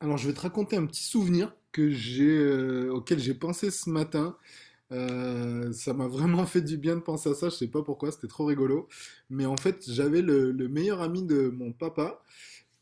Alors, je vais te raconter un petit souvenir que j'ai, auquel j'ai pensé ce matin. Ça m'a vraiment fait du bien de penser à ça. Je sais pas pourquoi, c'était trop rigolo. Mais en fait, j'avais le meilleur ami de mon papa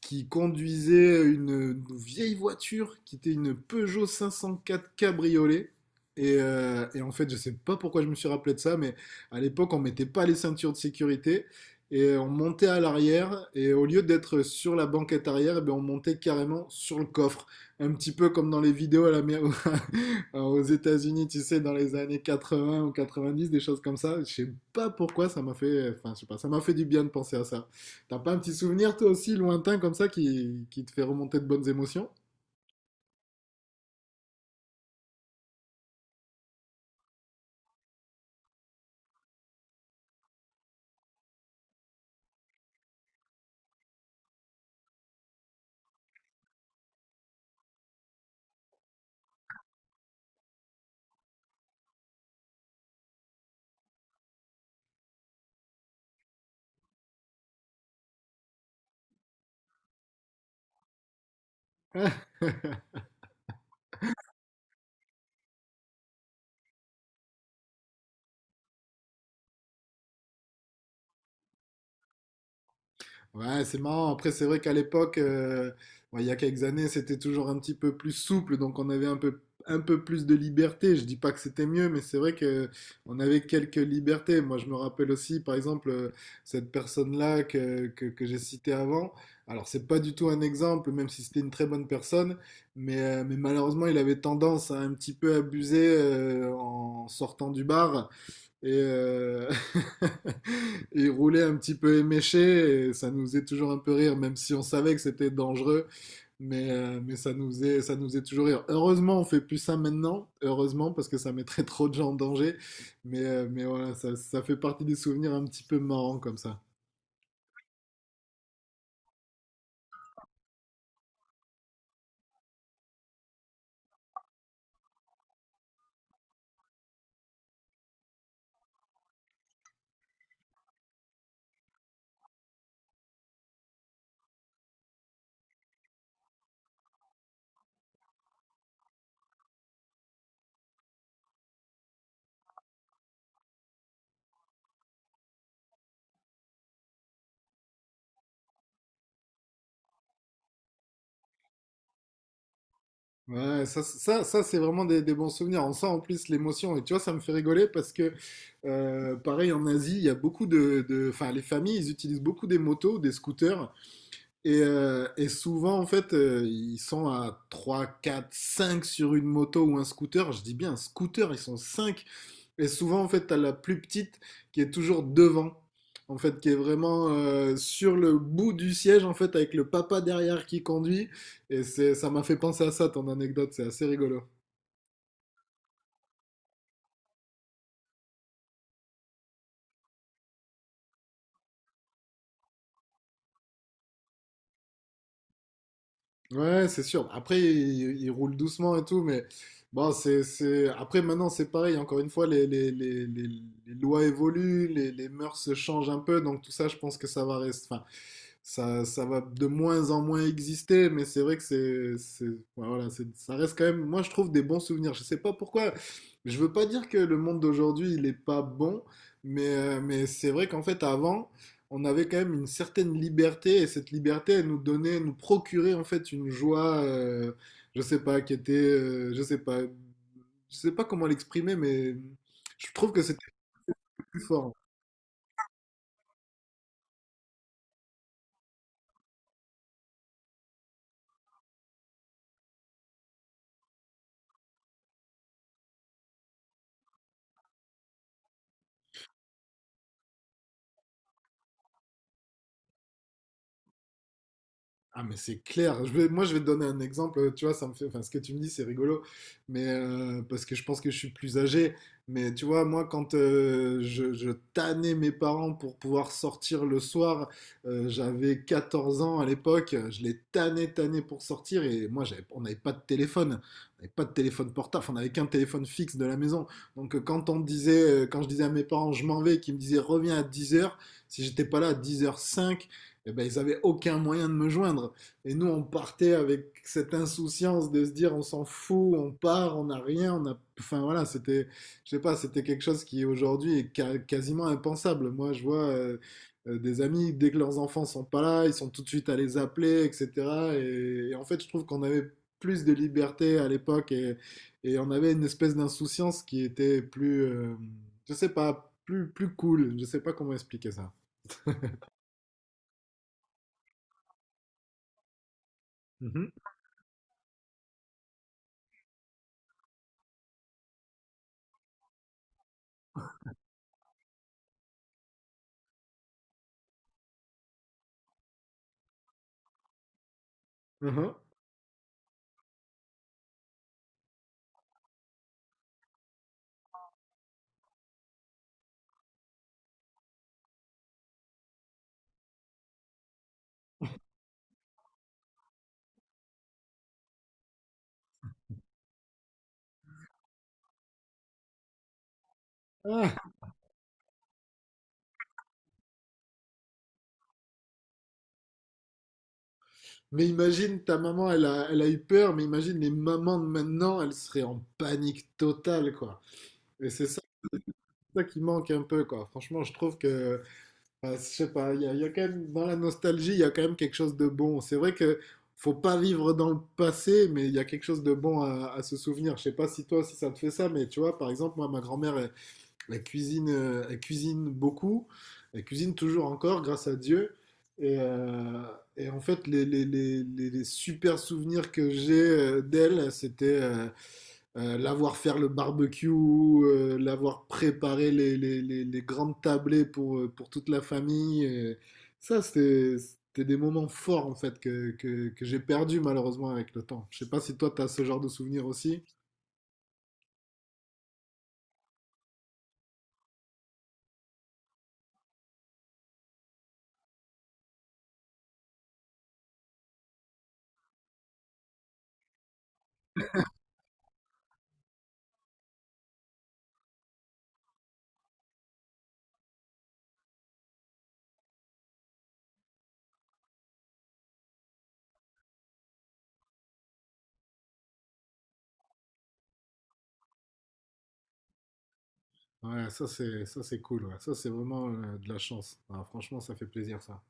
qui conduisait une vieille voiture qui était une Peugeot 504 cabriolet. Et en fait, je sais pas pourquoi je me suis rappelé de ça, mais à l'époque, on mettait pas les ceintures de sécurité et on montait à l'arrière et au lieu d'être sur la banquette arrière, eh ben, on montait carrément sur le coffre, un petit peu comme dans les vidéos à la aux États-Unis, tu sais, dans les années 80 ou 90, des choses comme ça. Je sais pas pourquoi ça m'a fait, enfin, je sais pas, ça m'a fait du bien de penser à ça. T'as pas un petit souvenir, toi aussi, lointain comme ça, qui te fait remonter de bonnes émotions? Ouais, c'est marrant. Après, c'est vrai qu'à l'époque, ouais, il y a quelques années, c'était toujours un petit peu plus souple, donc on avait un peu plus de liberté. Je dis pas que c'était mieux, mais c'est vrai que on avait quelques libertés. Moi, je me rappelle aussi, par exemple, cette personne-là que j'ai citée avant. Alors, c'est pas du tout un exemple, même si c'était une très bonne personne, mais malheureusement, il avait tendance à un petit peu abuser en sortant du bar et il roulait un petit peu éméché et ça nous faisait toujours un peu rire, même si on savait que c'était dangereux, mais ça nous faisait toujours rire. Heureusement, on fait plus ça maintenant, heureusement, parce que ça mettrait trop de gens en danger, mais voilà, ça fait partie des souvenirs un petit peu marrants comme ça. Ouais, ça c'est vraiment des bons souvenirs. On sent en plus l'émotion. Et tu vois, ça me fait rigoler parce que, pareil, en Asie, il y a beaucoup enfin, les familles, ils utilisent beaucoup des motos, des scooters. Et souvent, en fait, ils sont à 3, 4, 5 sur une moto ou un scooter. Je dis bien un scooter, ils sont 5. Et souvent, en fait, t'as la plus petite qui est toujours devant. En fait, qui est vraiment sur le bout du siège, en fait, avec le papa derrière qui conduit. Et c'est, ça m'a fait penser à ça, ton anecdote. C'est assez rigolo. Ouais, c'est sûr. Après, il roule doucement et tout, mais bon, c'est… Après, maintenant, c'est pareil. Encore une fois, les lois évoluent, les mœurs se changent un peu, donc tout ça, je pense que ça va rester. Enfin, ça va de moins en moins exister, mais c'est vrai que ouais, voilà, c'est, ça reste quand même, moi je trouve des bons souvenirs. Je sais pas pourquoi, je veux pas dire que le monde d'aujourd'hui il est pas bon, mais c'est vrai qu'en fait avant, on avait quand même une certaine liberté et cette liberté, elle nous donnait, nous procurait en fait une joie, je sais pas, je sais pas, je sais pas comment l'exprimer, mais je trouve que c'était plus fort. Ah mais c'est clair. Moi je vais te donner un exemple. Tu vois, ça me fait. Enfin, ce que tu me dis, c'est rigolo, mais parce que je pense que je suis plus âgé. Mais tu vois, moi quand je tannais mes parents pour pouvoir sortir le soir, j'avais 14 ans à l'époque. Je les tannais pour sortir. Et moi, on n'avait pas de téléphone. On n'avait pas de téléphone portable. On n'avait qu'un téléphone fixe de la maison. Donc quand on disait, quand je disais à mes parents, je m'en vais, et qu'ils me disaient reviens à 10 heures. Si j'étais pas là à 10h05, eh ben, ils avaient aucun moyen de me joindre. Et nous, on partait avec cette insouciance de se dire, on s'en fout, on part, on n'a rien, enfin voilà, c'était, je sais pas, c'était quelque chose qui aujourd'hui est quasiment impensable. Moi, je vois des amis, dès que leurs enfants sont pas là, ils sont tout de suite à les appeler, etc. Et en fait, je trouve qu'on avait plus de liberté à l'époque et on avait une espèce d'insouciance qui était plus, je sais pas, plus cool. Je sais pas comment expliquer ça. Mhm. Mhm. Ah. Mais imagine, ta maman, elle a eu peur, mais imagine les mamans de maintenant, elles seraient en panique totale, quoi. Et c'est ça, ça qui manque un peu, quoi. Franchement, je trouve que, enfin, je sais pas, il y a quand même, dans la nostalgie, il y a quand même quelque chose de bon. C'est vrai que faut pas vivre dans le passé, mais il y a quelque chose de à se souvenir. Je sais pas si toi, si ça te fait ça, mais tu vois, par exemple, moi, ma grand-mère, elle, elle cuisine beaucoup, elle cuisine toujours encore, grâce à Dieu. Et, euh, et en fait, les super souvenirs que j'ai d'elle, c'était l'avoir faire le barbecue, l'avoir préparé les grandes tablées pour toute la famille. Ça, c'était des moments forts en fait que j'ai perdu malheureusement avec le temps. Je sais pas si toi, tu as ce genre de souvenirs aussi. Ouais, ça c'est cool. Ouais. Ça c'est vraiment de la chance. Ah, franchement, ça fait plaisir ça.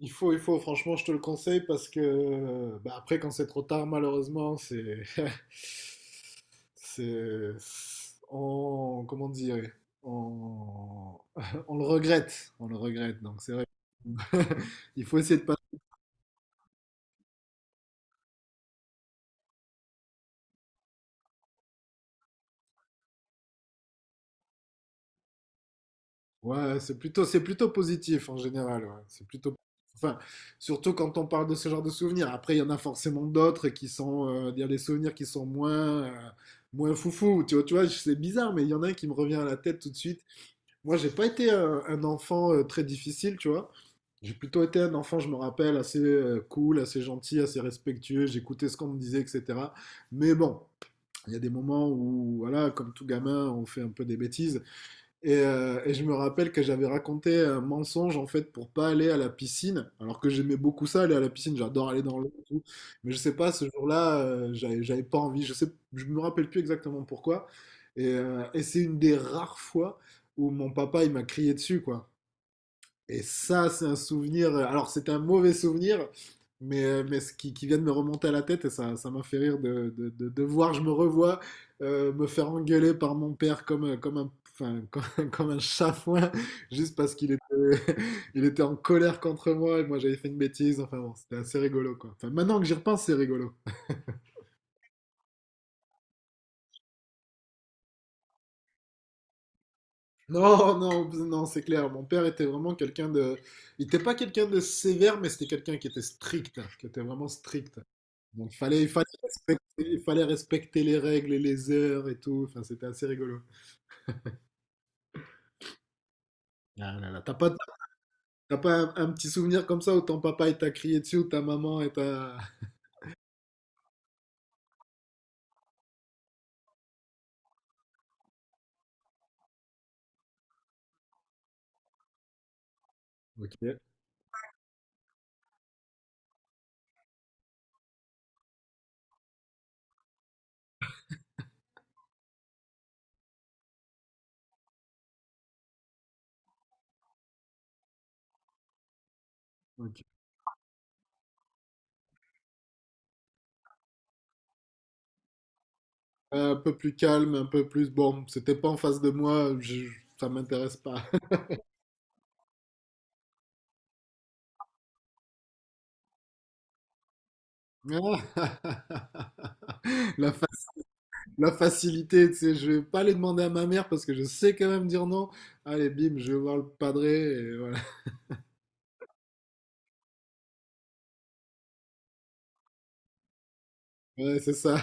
Il faut, franchement, je te le conseille parce que bah, après, quand c'est trop tard, malheureusement, c'est, c'est, on, comment dire, on, on le on le regrette. Donc c'est vrai, il faut essayer de pas. Ouais, c'est plutôt positif en général. Ouais. C'est plutôt, enfin, surtout quand on parle de ce genre de souvenirs. Après, il y en a forcément d'autres qui sont, il y a des souvenirs qui sont moins, moins foufou. Tu vois, c'est bizarre, mais il y en a un qui me revient à la tête tout de suite. Moi, j'ai pas été un enfant très difficile, tu vois. J'ai plutôt été un enfant, je me rappelle, assez cool, assez gentil, assez respectueux. J'écoutais ce qu'on me disait, etc. Mais bon, il y a des moments où, voilà, comme tout gamin, on fait un peu des bêtises. Et je me rappelle que j'avais raconté un mensonge en fait pour pas aller à la piscine, alors que j'aimais beaucoup ça, aller à la piscine, j'adore aller dans l'eau et tout. Mais je sais pas, ce jour-là, j'avais pas envie, je sais, je me rappelle plus exactement pourquoi. Et c'est une des rares fois où mon papa il m'a crié dessus, quoi. Et ça, c'est un souvenir. Alors, c'était un mauvais souvenir, mais ce qui vient de me remonter à la tête, et ça m'a fait rire de voir, je me revois me faire engueuler par mon père comme, comme un, enfin, comme, comme un chafouin, juste parce qu'il était, il était en colère contre moi et moi j'avais fait une bêtise. Enfin bon, c'était assez rigolo quoi. Enfin, maintenant que j'y repense, c'est rigolo. Non, non, non, c'est clair. Mon père était vraiment quelqu'un de. Il n'était pas quelqu'un de sévère, mais c'était quelqu'un qui était strict, qui était vraiment strict. Donc il fallait respecter les règles et les heures et tout. Enfin, c'était assez rigolo. Ah là là, t'as pas un petit souvenir comme ça où ton papa il t'a crié dessus ou ta maman et t'a… Ok, ok. Un peu plus calme, un peu plus… Bon, c'était pas en face de ça m'intéresse pas. La, fa- la facilité, tu sais, je vais pas les demander à ma mère parce que je sais quand même dire non. Allez, bim, je vais voir le padré et voilà. Ouais, c'est ça.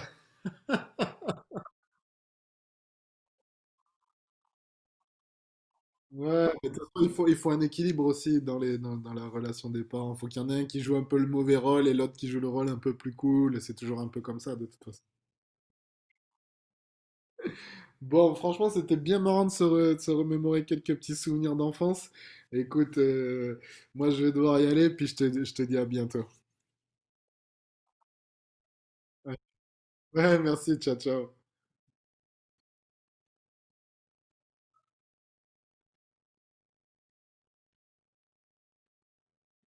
Ouais, mais de toute façon, il faut un équilibre aussi dans dans la relation des parents. Il faut qu'il y en ait un qui joue un peu le mauvais rôle et l'autre qui joue le rôle un peu plus cool. Et c'est toujours un peu comme ça, de toute façon. Bon, franchement, c'était bien marrant de de se remémorer quelques petits souvenirs d'enfance. Écoute, moi, je vais devoir y aller, puis je je te dis à bientôt. Ouais, merci, ciao, ciao.